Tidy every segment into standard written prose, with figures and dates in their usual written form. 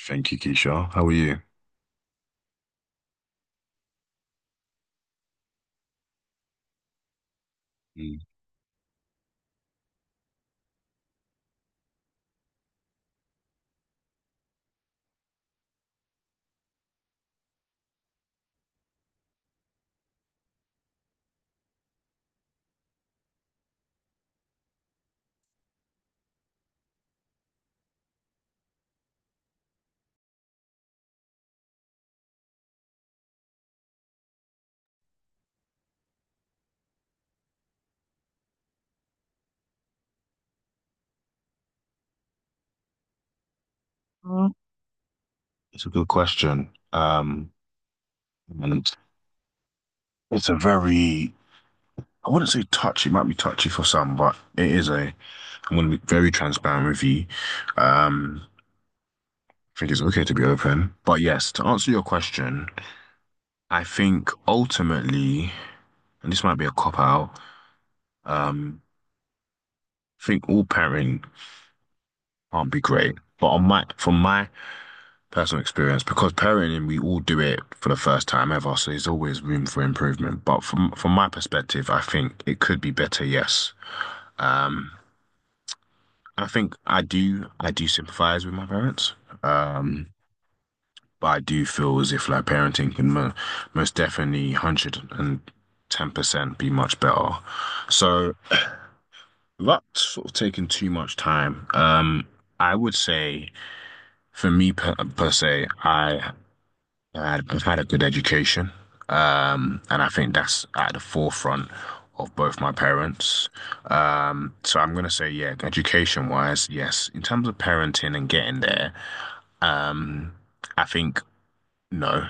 Thank you, Keisha. How are you? Mm. Mm. It's a good question. And it's a very — I wouldn't say touchy, it might be touchy for some, but it is a — I'm going to be very transparent with you. Um, I think it's okay to be open. But yes, to answer your question, I think ultimately, and this might be a cop out, um, I think all parenting can't be great. But from my personal experience, because parenting, we all do it for the first time ever, so there's always room for improvement, but from my perspective, I think it could be better, yes. um I think I do sympathize with my parents, um but I do feel as if like parenting can mo most definitely 110% be much better. So without sort of taking too much time, I would say, for me per se, I've had a good education, and I think that's at the forefront of both my parents. So I'm gonna say, yeah, education wise, yes. In terms of parenting and getting there, um, I think no,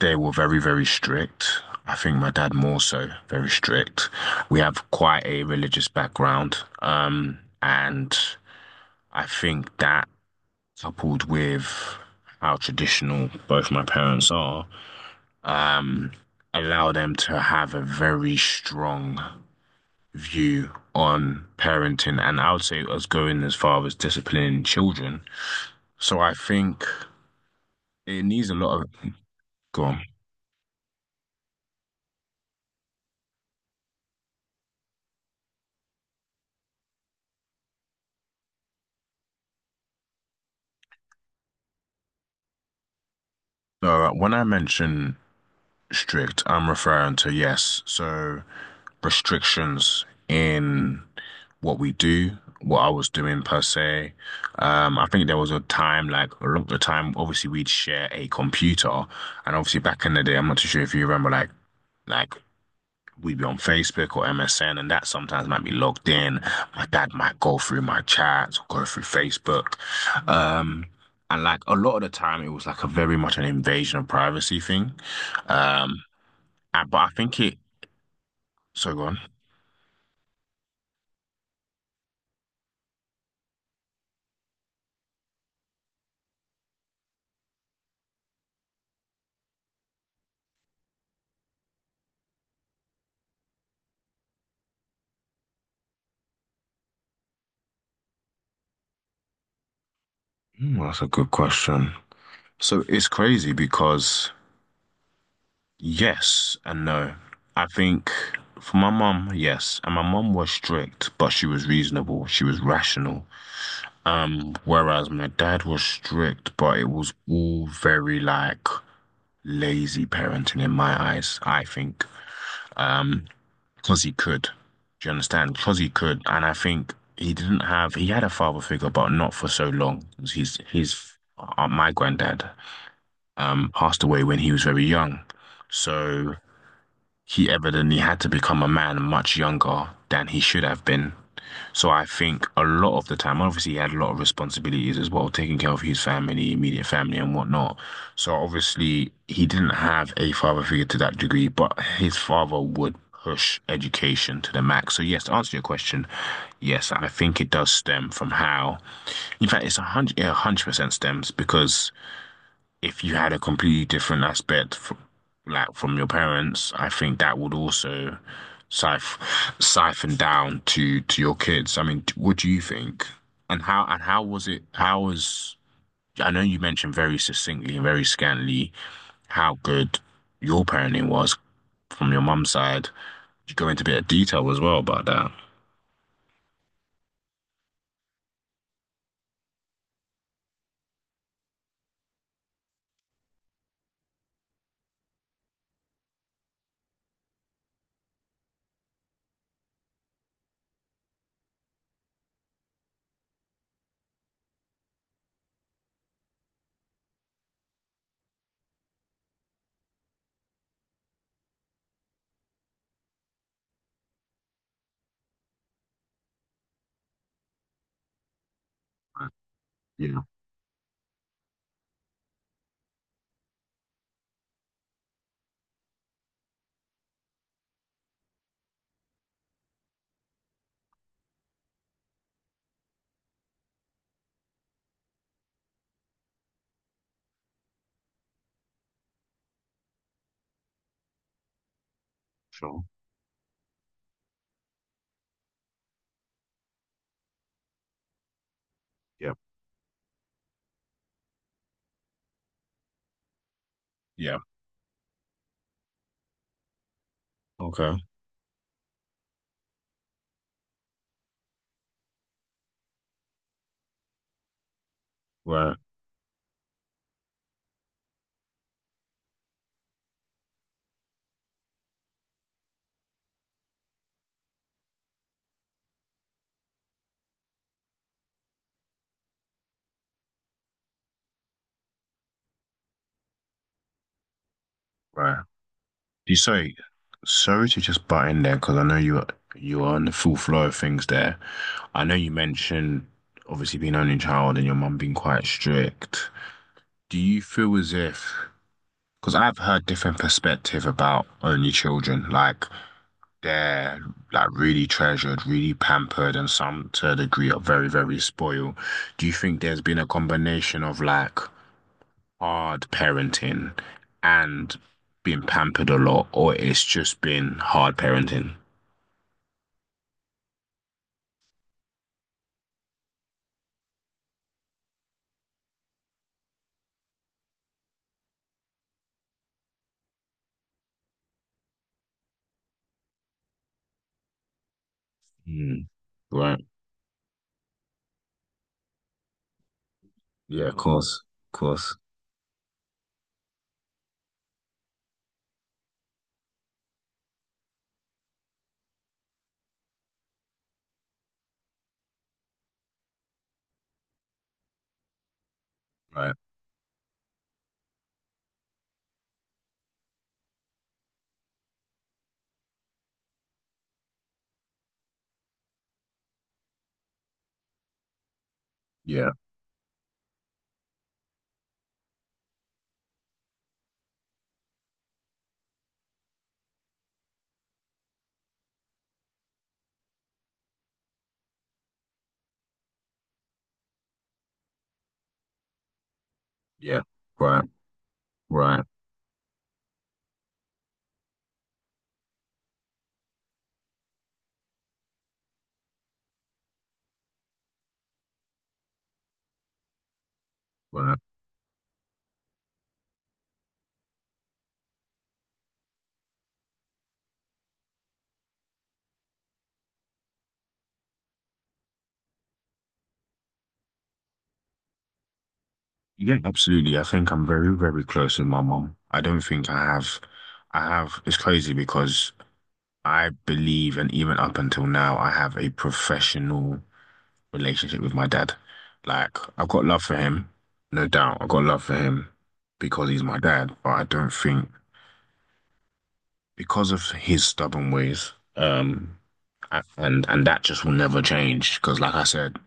they were very, very strict. I think my dad more so very strict. We have quite a religious background, and I think that coupled with how traditional both my parents are um, allow them to have a very strong view on parenting, and I would say us going as far as disciplining children. So I think it needs a lot of. Go on. No, when I mention strict, I'm referring to, yes, so restrictions in what we do, what I was doing per se. I think there was a time, like a lot of the time, obviously we'd share a computer, and obviously back in the day, I'm not too sure if you remember, like Like we'd be on Facebook or MSN, and that sometimes might be logged in. My dad might go through my chats or go through Facebook. Um, and like a lot of the time, it was like a very much an invasion of privacy thing. Um, and, but I think it, so go on. Hmm, that's a good question. So it's crazy because yes and no. I think for my mum, yes. And my mum was strict, but she was reasonable. She was rational. Whereas my dad was strict, but it was all very like lazy parenting in my eyes, I think. Um, because he could. Do you understand? Because he could. And I think he didn't have, he had a father figure, but not for so long. He's, he's, my granddad, passed away when he was very young. So he evidently had to become a man much younger than he should have been. So I think a lot of the time, obviously, he had a lot of responsibilities as well, taking care of his family, immediate family, and whatnot. So obviously, he didn't have a father figure to that degree, but his father would push education to the max. So yes, to answer your question, yes, I think it does stem from how. In fact, it's yeah, 100% stems, because if you had a completely different aspect from, like from your parents, I think that would also siph siphon down to your kids. I mean, what do you think? And how was it? How was I know you mentioned very succinctly and very scantily how good your parenting was from your mum's side. You go into a bit of detail as well about that. Yeah, sure. Yeah. Yeah. Okay. Right. Right. You, sorry, sorry to just butt in there, because I know you are on the full flow of things there. I know you mentioned obviously being only child and your mum being quite strict. Do you feel as if, because I've heard different perspective about only children, like they're like really treasured, really pampered, and some to a degree are very, very spoiled. Do you think there's been a combination of like hard parenting and being pampered a lot, or it's just been hard parenting? Mm, right. Yeah, of course. Of course. Right. Yeah. Yeah. Right. Right. Right. Yeah, absolutely. I think I'm very, very close with my mom. I don't think it's crazy because I believe, and even up until now, I have a professional relationship with my dad. Like, I've got love for him, no doubt. I've got love for him because he's my dad, but I don't think, because of his stubborn ways, and that just will never change. Because, like I said,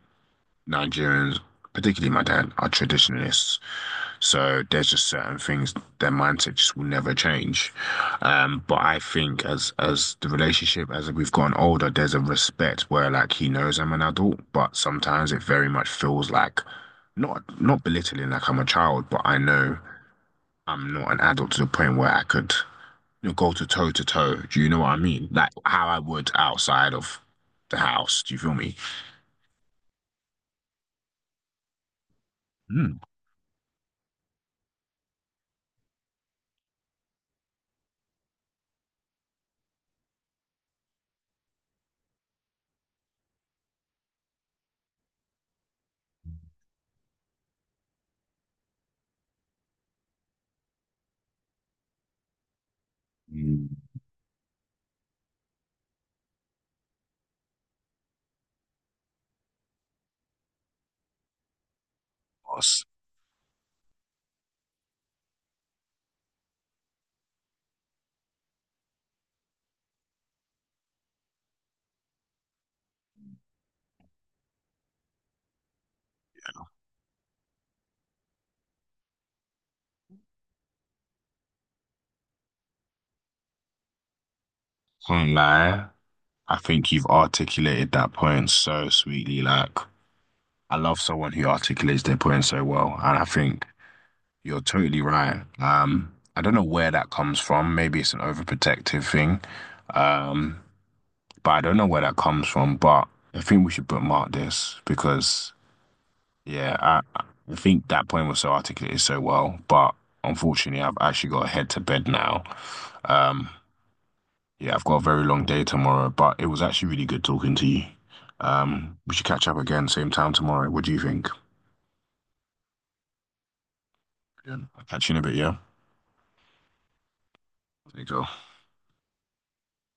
Nigerians, particularly my dad, are traditionalists. So there's just certain things their mindset just will never change. But I think as the relationship as we've gotten older, there's a respect where like he knows I'm an adult, but sometimes it very much feels like not belittling, like I'm a child, but I know I'm not an adult to the point where I could, you know, go to toe to toe. Do you know what I mean? Like how I would outside of the house. Do you feel me? Hmm. Mm, boss. Can't lie. I think you've articulated that point so sweetly. Like, I love someone who articulates their point so well. And I think you're totally right. I don't know where that comes from. Maybe it's an overprotective thing. Um, but I don't know where that comes from. But I think we should bookmark this because, yeah, I think that point was so articulated so well. But unfortunately, I've actually got to head to bed now. Um, Yeah, I've got a very long day tomorrow, but it was actually really good talking to you. We should catch up again, same time tomorrow. What do you think? Yeah. Catch you in a bit, yeah? There you go.